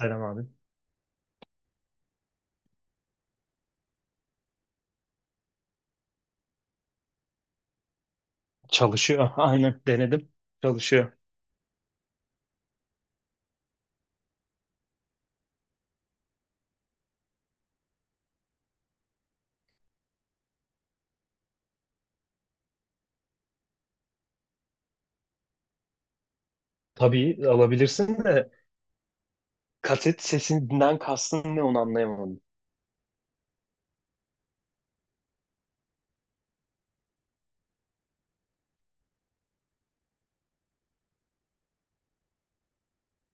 Selam abi. Çalışıyor. Aynen denedim. Çalışıyor. Tabii alabilirsin de kaset sesinden kastın ne onu anlayamadım.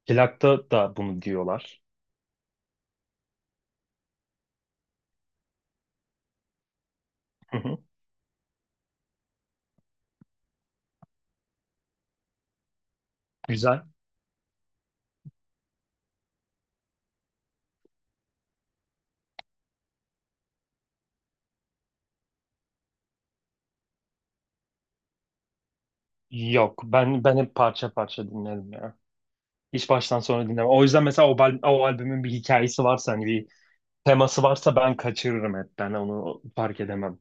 Plakta da bunu diyorlar. Hı hı. Güzel. Yok ben hep parça parça dinlerim ya. Hiç baştan sona dinlemem. O yüzden mesela o albümün bir hikayesi varsa hani bir teması varsa ben kaçırırım hep. Ben onu fark edemem.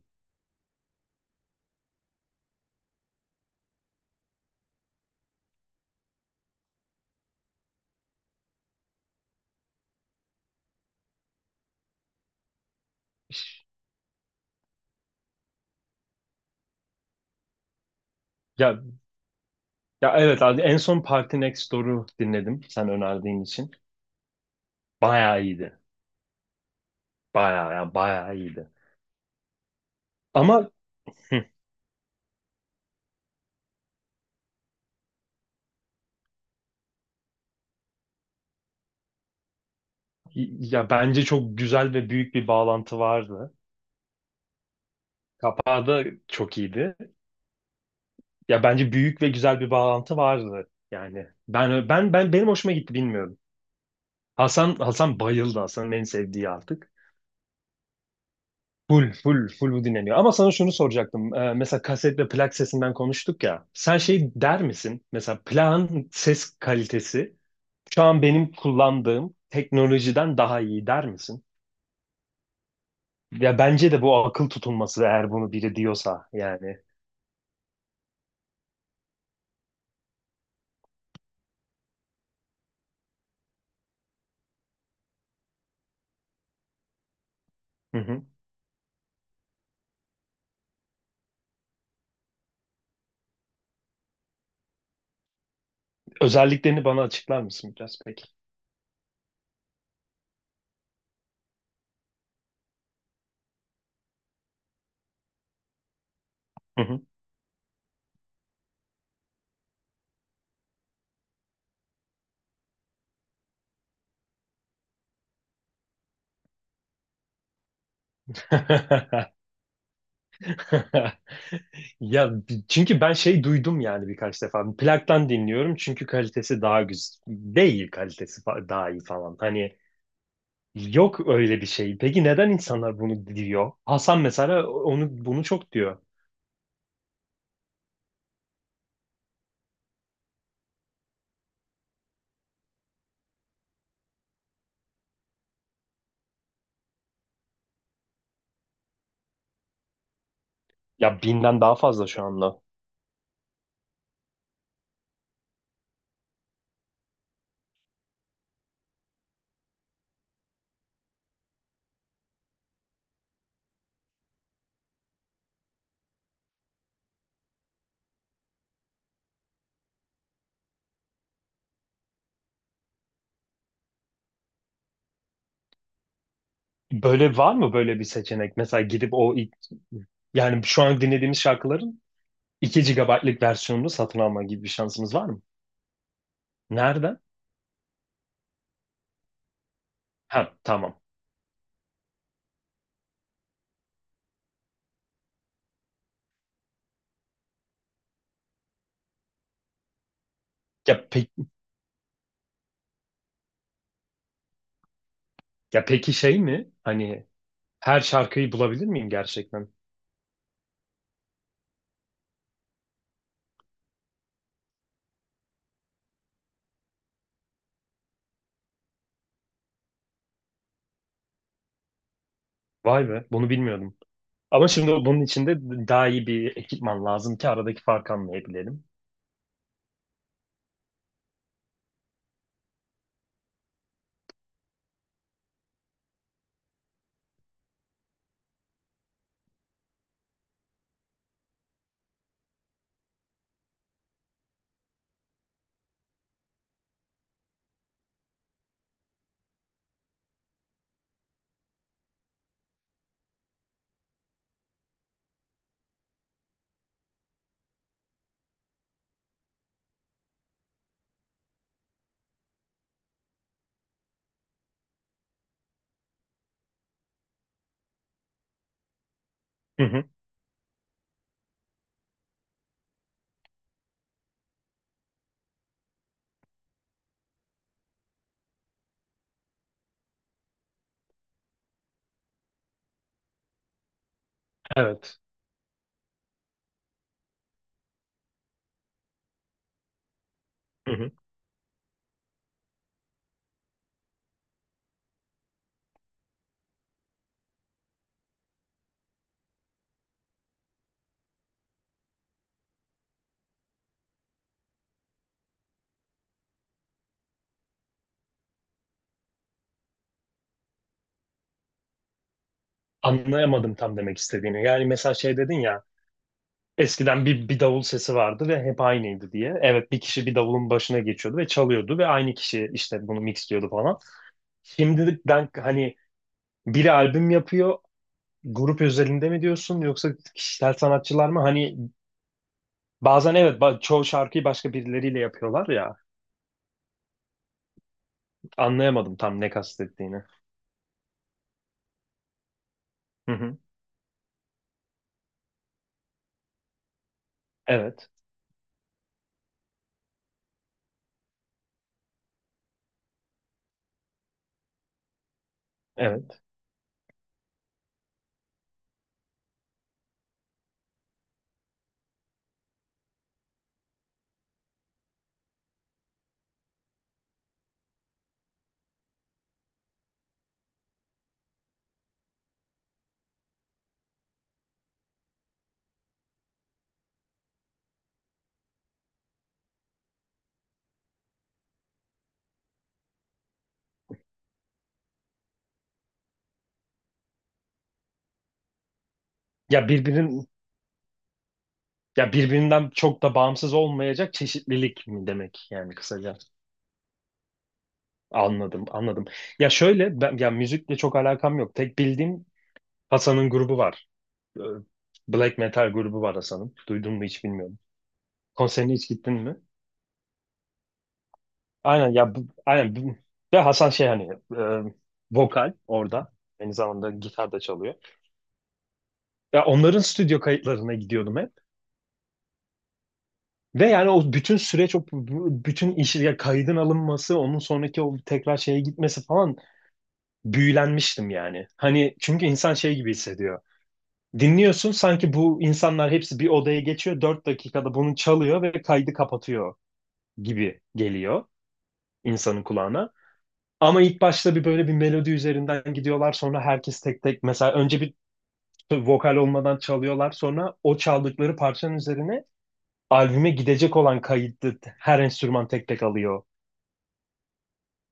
Ya, ya, evet abi en son Party Next Door'u dinledim sen önerdiğin için. Bayağı iyiydi. Bayağı ya bayağı iyiydi. Ama hı. Ya bence çok güzel ve büyük bir bağlantı vardı. Kapağı da çok iyiydi. Ya bence büyük ve güzel bir bağlantı vardı. Yani benim hoşuma gitti bilmiyorum. Hasan bayıldı Hasan'ın en sevdiği artık. Full full full bu dinleniyor. Ama sana şunu soracaktım. Mesela kaset ve plak sesinden konuştuk ya. Sen şey der misin? Mesela plağın ses kalitesi şu an benim kullandığım teknolojiden daha iyi der misin? Ya bence de bu akıl tutulması eğer bunu biri diyorsa yani. Hı hı. Özelliklerini bana açıklar mısın biraz peki? Hı hı. Ya çünkü ben şey duydum yani birkaç defa. Plaktan dinliyorum çünkü kalitesi daha güzel. Değil kalitesi daha iyi falan. Hani yok öyle bir şey. Peki neden insanlar bunu diyor? Hasan mesela onu bunu çok diyor. Ya 1.000'den daha fazla şu anda. Böyle var mı böyle bir seçenek? Mesela gidip o ilk- yani şu an dinlediğimiz şarkıların 2 GB'lık versiyonunu satın alma gibi bir şansımız var mı? Nereden? Ha, tamam. Ya, pe ya peki şey mi? Hani her şarkıyı bulabilir miyim gerçekten? Vay be, bunu bilmiyordum. Ama şimdi bunun için de daha iyi bir ekipman lazım ki aradaki farkı anlayabilelim. Hı hı, evet. Hı hı. Anlayamadım tam demek istediğini. Yani mesela şey dedin ya, eskiden bir davul sesi vardı ve hep aynıydı diye. Evet, bir kişi bir davulun başına geçiyordu ve çalıyordu ve aynı kişi işte bunu mixliyordu falan. Şimdiden hani biri albüm yapıyor, grup özelinde mi diyorsun yoksa kişisel sanatçılar mı? Hani bazen evet çoğu şarkıyı başka birileriyle yapıyorlar ya. Anlayamadım tam ne kastettiğini. Hı hı. Evet. Evet. Ya birbirin ya birbirinden çok da bağımsız olmayacak çeşitlilik mi demek yani kısaca. Anladım, anladım. Ya şöyle ben ya müzikle çok alakam yok. Tek bildiğim Hasan'ın grubu var. Ee, Black metal grubu var Hasan'ın. Duydun mu hiç bilmiyorum. Konserine hiç gittin mi? Aynen ya bu, ve Hasan şey hani e, vokal orada. Aynı zamanda gitar da çalıyor. Ya onların stüdyo kayıtlarına gidiyordum hep. Ve yani o bütün süreç, bütün iş, ya kaydın alınması, onun sonraki o tekrar şeye gitmesi falan büyülenmiştim yani. Hani çünkü insan şey gibi hissediyor. Dinliyorsun sanki bu insanlar hepsi bir odaya geçiyor, 4 dakikada bunu çalıyor ve kaydı kapatıyor gibi geliyor insanın kulağına. Ama ilk başta bir böyle bir melodi üzerinden gidiyorlar, sonra herkes tek tek mesela önce bir vokal olmadan çalıyorlar, sonra o çaldıkları parçanın üzerine albüme gidecek olan kayıttı her enstrüman tek tek alıyor.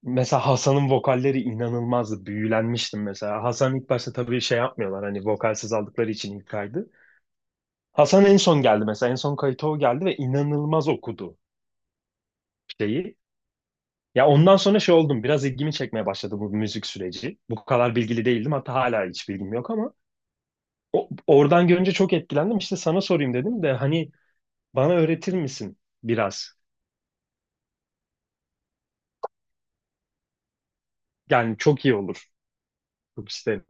Mesela Hasan'ın vokalleri inanılmazdı. Büyülenmiştim mesela. Hasan ilk başta tabii şey yapmıyorlar hani vokalsiz aldıkları için ilk kaydı. Hasan en son geldi mesela. En son kayıta o geldi ve inanılmaz okudu şeyi. Ya ondan sonra şey oldum. Biraz ilgimi çekmeye başladı bu müzik süreci. Bu kadar bilgili değildim. Hatta hala hiç bilgim yok ama oradan görünce çok etkilendim. İşte sana sorayım dedim de hani bana öğretir misin biraz? Yani çok iyi olur. Çok isterim.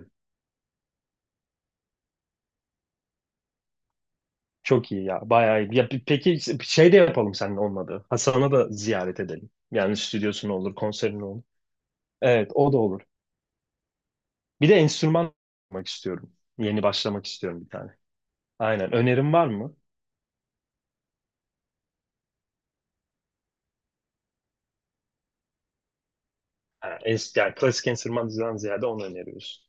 Çok iyi ya. Bayağı iyi. Peki şey de yapalım senin olmadı. Hasan'a da ziyaret edelim. Yani stüdyosu ne olur, konseri ne olur. Evet, o da olur. Bir de enstrüman almak istiyorum. Yeni başlamak istiyorum bir tane. Aynen. Önerin var mı? Yani klasik enstrümandan ziyade onu öneriyoruz.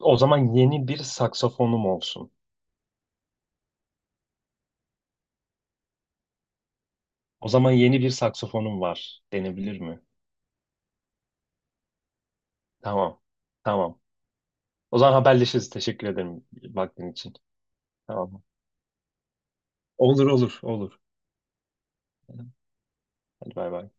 O zaman yeni bir saksafonum olsun. O zaman yeni bir saksafonum var denebilir mi? Tamam. Tamam. O zaman haberleşiriz. Teşekkür ederim vaktin için. Tamam. Olur olur olur. Hadi bay bay.